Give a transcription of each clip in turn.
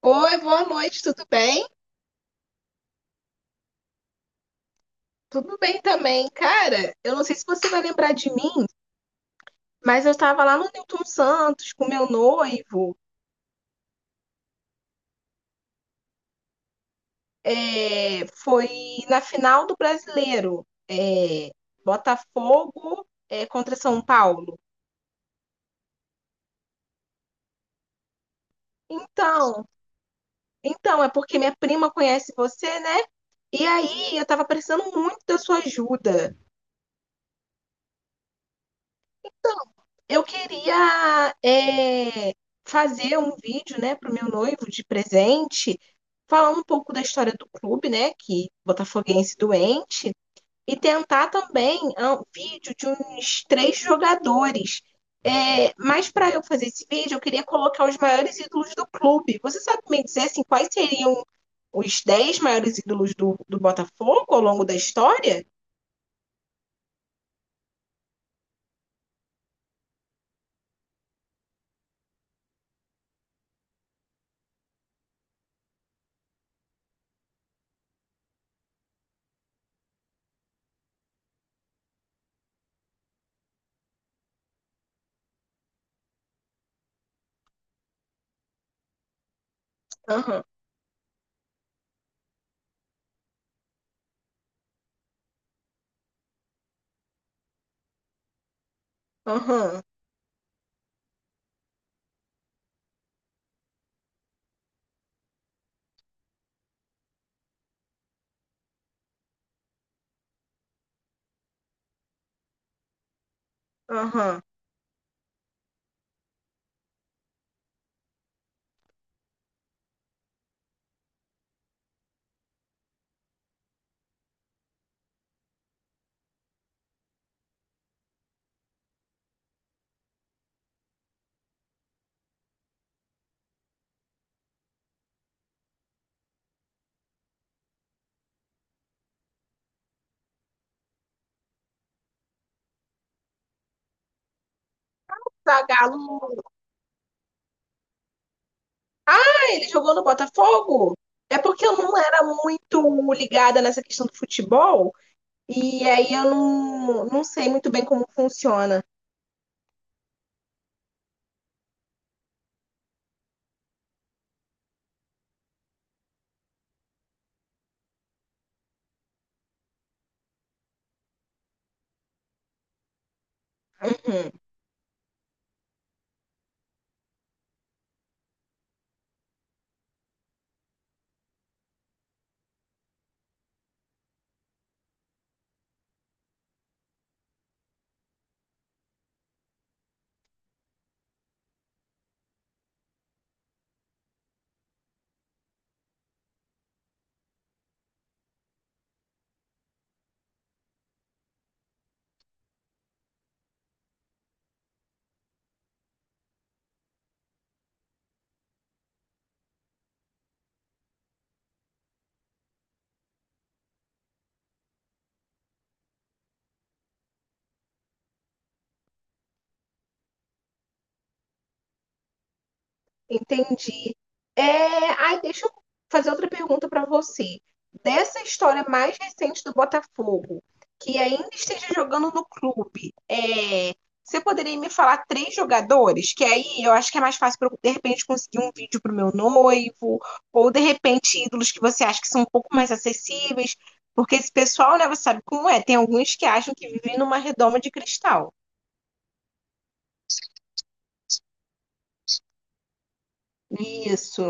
Oi, boa noite, tudo bem? Tudo bem também. Cara, eu não sei se você vai lembrar de mim, mas eu estava lá no Newton Santos com meu noivo. Foi na final do Brasileiro, Botafogo, contra São Paulo. Então, então, é porque minha prima conhece você, né? E aí, eu estava precisando muito da sua ajuda. Eu queria fazer um vídeo, né, para o meu noivo de presente, falar um pouco da história do clube, né, que botafoguense doente, e tentar também um vídeo de uns três jogadores. Mas para eu fazer esse vídeo, eu queria colocar os maiores ídolos do clube. Você sabe me dizer assim, quais seriam os 10 maiores ídolos do Botafogo ao longo da história? Aham, aham, aham. Zagallo, ele jogou no Botafogo. É porque eu não era muito ligada nessa questão do futebol, e aí eu não, sei muito bem como funciona. Uhum. Entendi. É, ai, deixa eu fazer outra pergunta para você. Dessa história mais recente do Botafogo, que ainda esteja jogando no clube, você poderia me falar três jogadores? Que aí eu acho que é mais fácil para eu, de repente, conseguir um vídeo para o meu noivo, ou de repente ídolos que você acha que são um pouco mais acessíveis, porque esse pessoal, né, você sabe como é, tem alguns que acham que vivem numa redoma de cristal. Isso.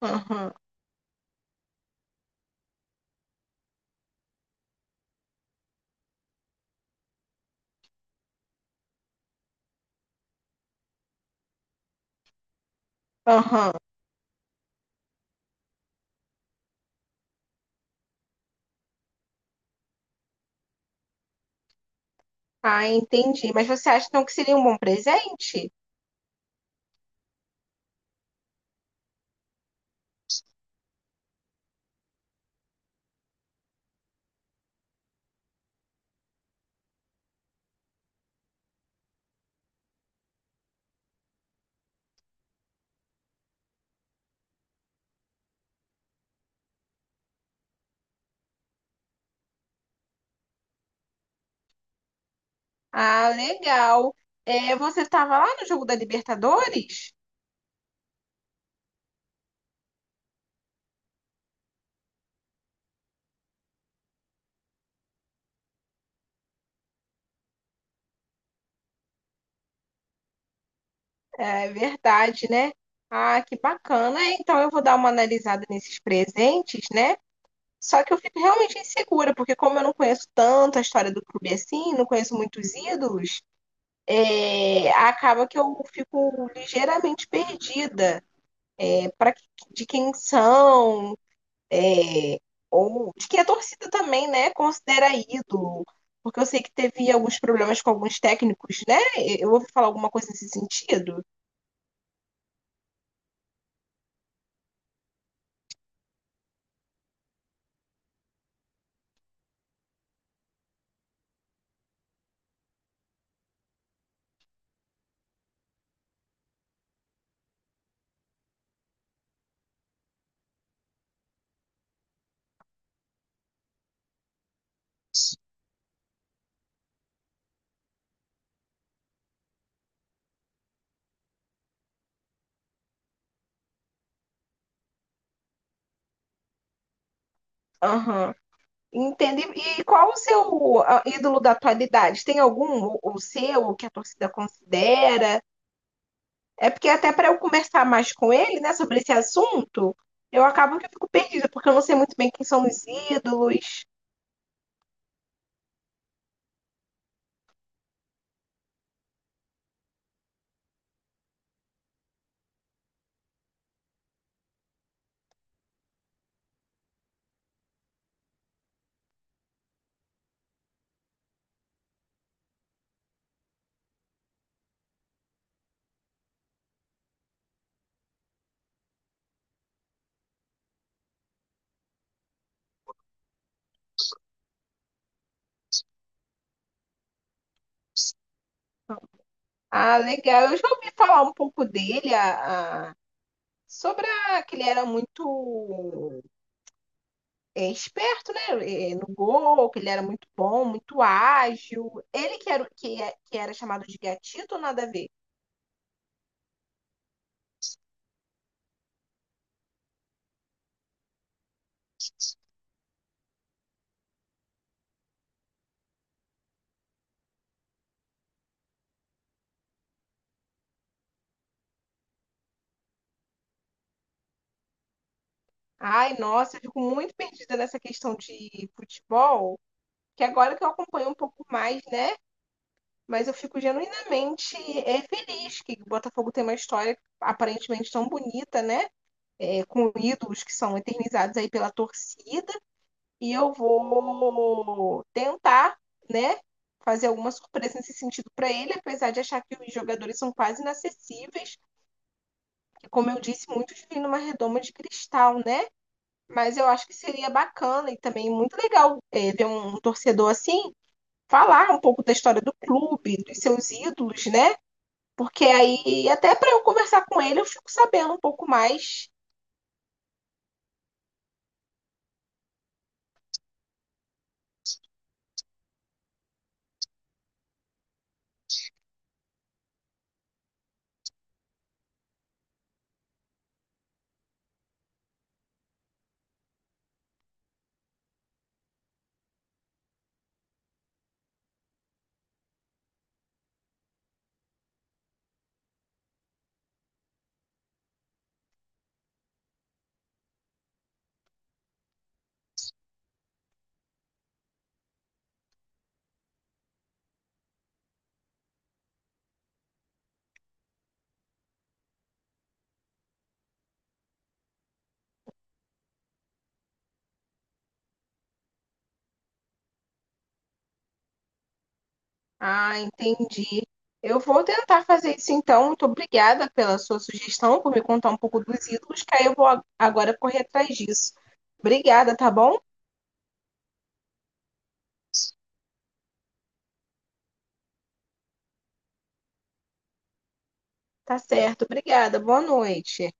Aham, aham. Ah, entendi. Mas você acha então que seria um bom presente? Ah, legal. É, você estava lá no jogo da Libertadores? É verdade, né? Ah, que bacana. É, então eu vou dar uma analisada nesses presentes, né? Só que eu fico realmente insegura, porque como eu não conheço tanto a história do clube assim, não conheço muitos ídolos, é, acaba que eu fico ligeiramente perdida. Para de quem são? É, ou de que a torcida também, né, considera ídolo, porque eu sei que teve alguns problemas com alguns técnicos, né? Eu ouvi falar alguma coisa nesse sentido. Aham. Entende? E qual o seu ídolo da atualidade? Tem algum, ou seu, que a torcida considera? É porque até para eu conversar mais com ele, né, sobre esse assunto, eu acabo que eu fico perdida, porque eu não sei muito bem quem são os ídolos. Ah, legal. Eu já ouvi falar um pouco dele, a, sobre que ele era muito esperto, né? No gol, que ele era muito bom, muito ágil. Ele que era que era chamado de gatito, ou nada a ver. Ai, nossa, eu fico muito perdida nessa questão de futebol, que agora que eu acompanho um pouco mais, né? Mas eu fico genuinamente feliz que o Botafogo tem uma história aparentemente tão bonita, né? É, com ídolos que são eternizados aí pela torcida. E eu vou tentar, né, fazer alguma surpresa nesse sentido para ele, apesar de achar que os jogadores são quase inacessíveis, que, como eu disse, muitos vêm numa redoma de cristal, né? Mas eu acho que seria bacana e também muito legal ver um torcedor assim falar um pouco da história do clube, dos seus ídolos, né? Porque aí, até para eu conversar com ele, eu fico sabendo um pouco mais. Ah, entendi. Eu vou tentar fazer isso então. Muito obrigada pela sua sugestão, por me contar um pouco dos ídolos, que aí eu vou agora correr atrás disso. Obrigada, tá bom? Tá certo, obrigada. Boa noite.